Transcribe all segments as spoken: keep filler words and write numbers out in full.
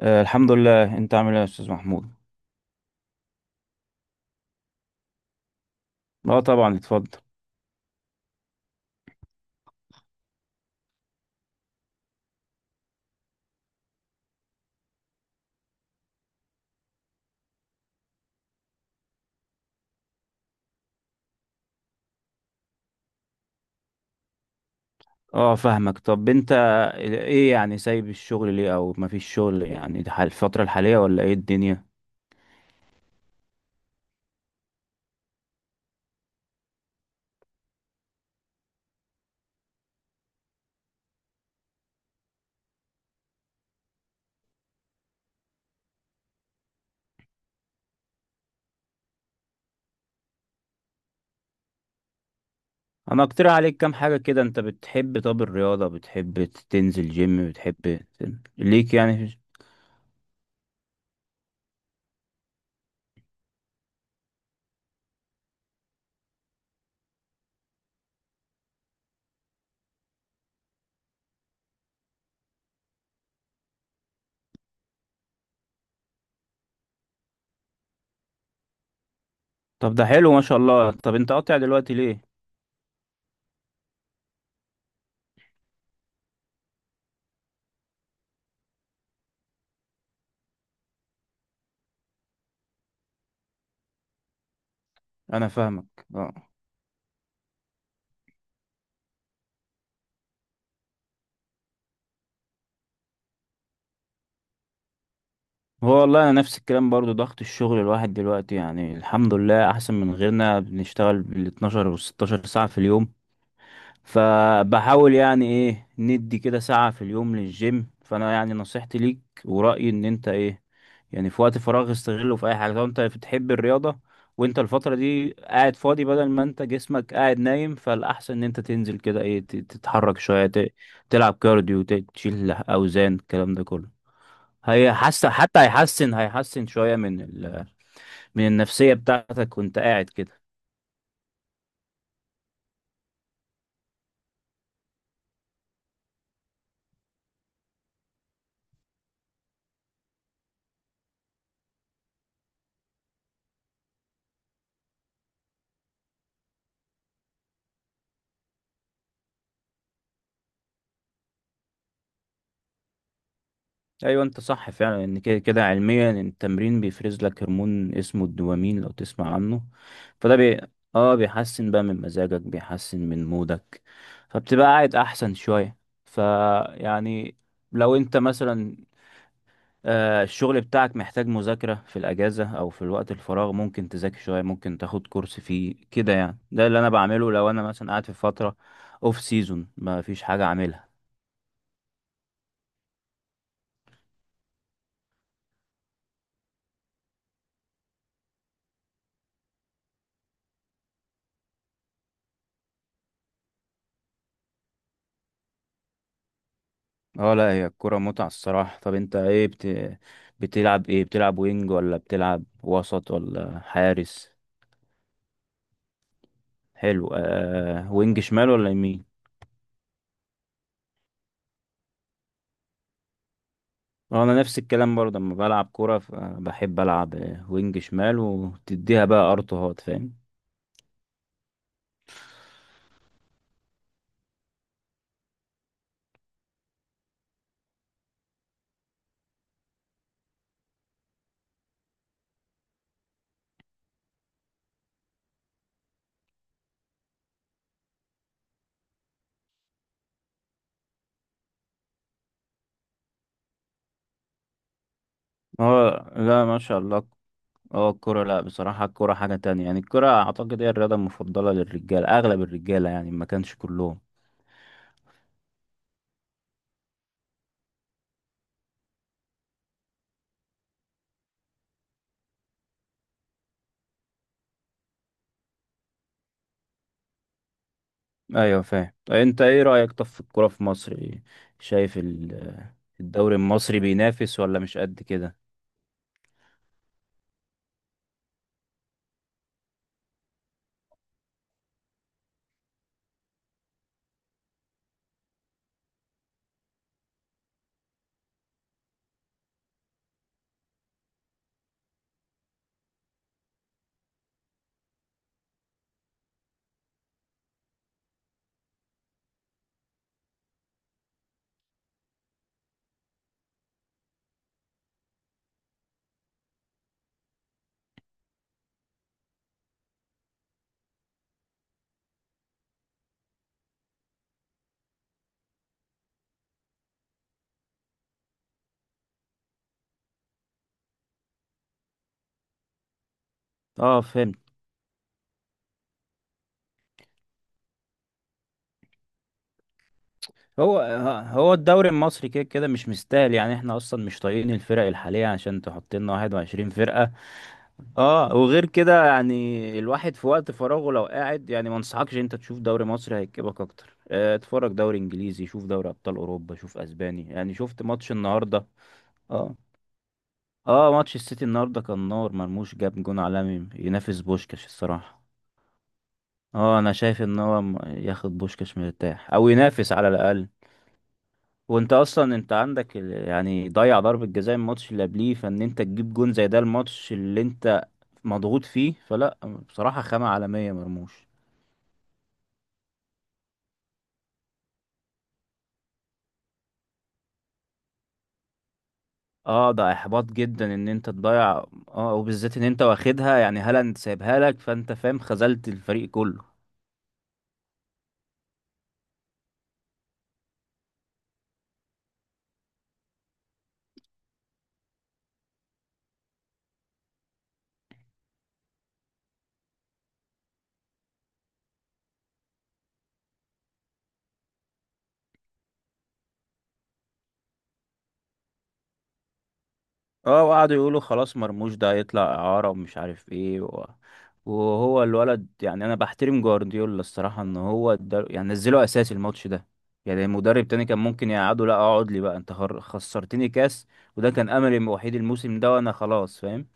آه، الحمد لله، انت عامل ايه يا استاذ محمود؟ اه طبعا اتفضل. اه فاهمك. طب انت ايه يعني سايب الشغل ليه او مفيش شغل يعني ده حال- الفترة الحالية ولا ايه الدنيا؟ انا اقترح عليك كام حاجة كده. انت بتحب؟ طب الرياضة بتحب تنزل جيم؟ بتحب ت- ليك يعني؟ طب ده حلو ما شاء الله. طب انت قاطع دلوقتي ليه؟ انا فاهمك اه. هو والله انا نفس الكلام برضو، ضغط الشغل. الواحد دلوقتي يعني الحمد لله احسن من غيرنا، بنشتغل بال اتناشر و ستاشر ساعة في اليوم، فبحاول يعني ايه ندي كده ساعة في اليوم للجيم. فانا يعني نصيحتي ليك ورأيي ان انت ايه يعني في وقت فراغ استغله في اي حاجة. لو انت بتحب الرياضة وانت الفترة دي قاعد فاضي، بدل ما انت جسمك قاعد نايم فالاحسن ان انت تنزل كده ايه، ت- تتحرك شوية، ت- تلعب كارديو، ت- تشيل اوزان، الكلام ده كله. هي حس حتى هيحسن هيحسن شوية من ال... من النفسية بتاعتك وانت قاعد كده. ايوه انت صح فعلا، ان كده كده علميا التمرين بيفرز لك هرمون اسمه الدوبامين، لو تسمع عنه. فده بي... اه، بيحسن بقى من مزاجك، بيحسن من مودك، فبتبقى قاعد احسن شوية. فيعني لو انت مثلا آه الشغل بتاعك محتاج مذاكرة، في الاجازة او في الوقت الفراغ ممكن تذاكر شوية، ممكن تاخد كورس فيه كده. يعني ده اللي انا بعمله لو انا مثلا قاعد في فترة اوف سيزون ما فيش حاجة اعملها. اه لا، هي الكرة متعة الصراحة. طب انت ايه بت... بتلعب ايه؟ بتلعب وينج ولا بتلعب وسط ولا حارس؟ حلو، آه وينج شمال ولا يمين؟ اه انا نفس الكلام برضه، لما بلعب كرة ف- بحب العب آه، وينج شمال وتديها بقى ارتوهات فاهم. اه لا ما شاء الله. اه الكرة، لا بصراحة الكرة حاجة تانية. يعني الكرة اعتقد هي الرياضة المفضلة للرجال، اغلب الرجالة يعني ما كانش كلهم. ايوه فاهم. انت ايه رأيك طب في الكورة في مصر إيه؟ شايف ال- الدوري المصري بينافس ولا مش قد كده؟ اه فهمت. هو هو الدوري المصري كده كده مش مستاهل. يعني احنا اصلا مش طايقين الفرق الحالية عشان تحط لنا واحد وعشرين فرقة. اه وغير كده، يعني الواحد في وقت فراغه لو قاعد يعني ما انصحكش انت تشوف دوري مصري، هيكبك اكتر. آه، اتفرج دوري انجليزي، شوف دوري ابطال اوروبا، شوف اسباني. يعني شفت ماتش النهارده؟ آه. اه ماتش السيتي النهارده كان نار، مرموش جاب جون عالمي ينافس بوشكاش الصراحه. اه انا شايف ان هو م- ياخد بوشكاش مرتاح، او ينافس على الاقل. وانت اصلا انت عندك ال- يعني ضيع ضربه جزاء الماتش اللي قبليه، فان انت تجيب جون زي ده الماتش اللي انت مضغوط فيه، فلا بصراحه خامه عالميه مرموش. اه ده احباط جدا ان انت تضيع، اه وبالذات ان انت واخدها. يعني هالاند سايبها لك، فانت فاهم خذلت الفريق كله. اه وقعدوا يقولوا خلاص مرموش ده هيطلع إعارة ومش عارف ايه و... وهو الولد، يعني انا بحترم جوارديولا الصراحة ان هو ده يعني نزله اساسي الماتش ده. يعني مدرب تاني كان ممكن يقعده، لا اقعد لي بقى انت خر- خسرتني كاس، وده كان املي الوحيد الموسم ده وانا خلاص فاهم.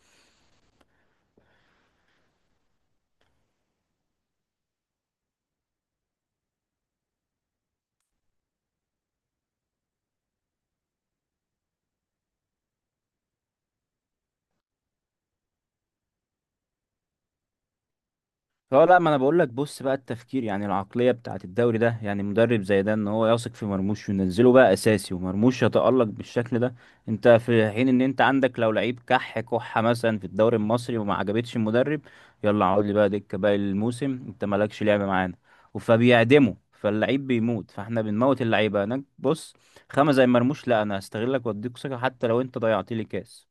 اه لا، ما انا بقول لك بص بقى التفكير، يعني العقليه بتاعت الدوري ده. يعني مدرب زي ده ان هو يثق في مرموش وينزله بقى اساسي، ومرموش يتالق بالشكل ده. انت في حين ان انت عندك لو لعيب كح كحه مثلا في الدوري المصري وما عجبتش المدرب، يلا اقعد لي بقى دكه باقي الموسم انت مالكش لعبه معانا. فبيعدمه، فاللعيب بيموت، فاحنا بنموت اللعيبه هناك. بص خامه زي مرموش، لا انا هستغلك واديك ثقه حتى لو انت ضيعت لي كاس.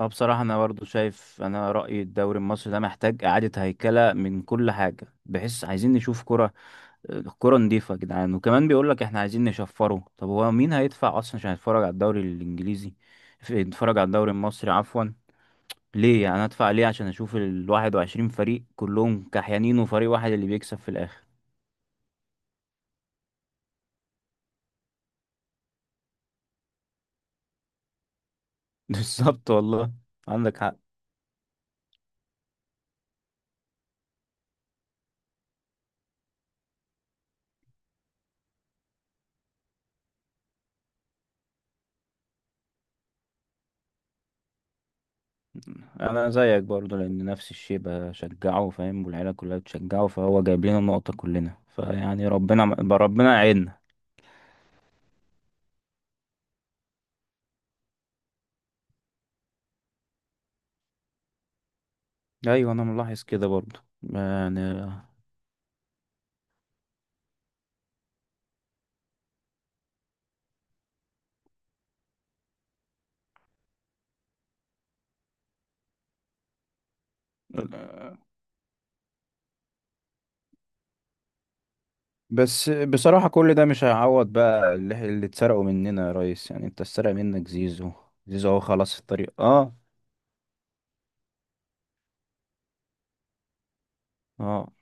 اه بصراحة أنا برضو شايف، أنا رأيي الدوري المصري ده محتاج إعادة هيكلة من كل حاجة، بحيث عايزين نشوف كرة كرة نضيفة يا جدعان. وكمان بيقولك إحنا عايزين نشفره. طب هو مين هيدفع أصلا عشان يتفرج على الدوري الإنجليزي، ف- يتفرج على الدوري المصري عفوا؟ ليه يعني أنا أدفع ليه عشان أشوف الواحد وعشرين فريق كلهم كحيانين وفريق واحد اللي بيكسب في الآخر؟ بالظبط والله، عندك حق. انا زيك برضو لان نفس الشيء بشجعه فاهم، والعيله كلها بتشجعه، فهو جايب لنا النقطه كلنا. فيعني ربنا، ربنا يعيننا. ايوه انا ملاحظ كده برضو يعني. بس بصراحه كل ده مش هيعوض بقى اللي, اللي اتسرقوا مننا يا ريس. يعني انت اتسرق منك زيزو. زيزو اهو خلاص في الطريق. اه اه،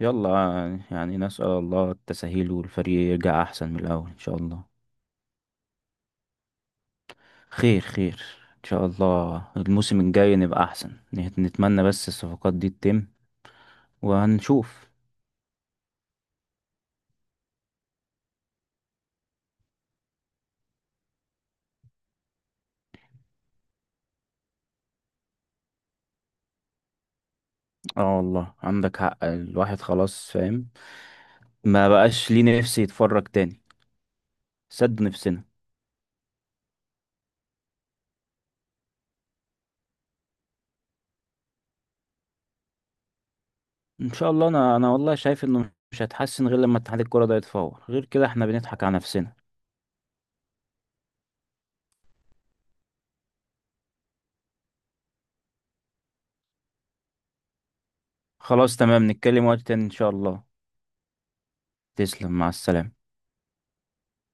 يلا يعني، يعني نسأل الله التسهيل والفريق يرجع احسن من الاول ان شاء الله. خير خير. ان شاء الله الموسم الجاي نبقى احسن، نت- نتمنى بس الصفقات دي تتم وهنشوف. اه والله عندك حق، الواحد خلاص فاهم ما بقاش ليه نفس يتفرج تاني. سد نفسنا. ان شاء الله. انا انا والله شايف انه مش هتحسن غير لما اتحاد الكرة ده يتفور، غير كده احنا بنضحك على نفسنا. خلاص تمام، نتكلم وقت تاني ان شاء الله. تسلم، مع السلامة.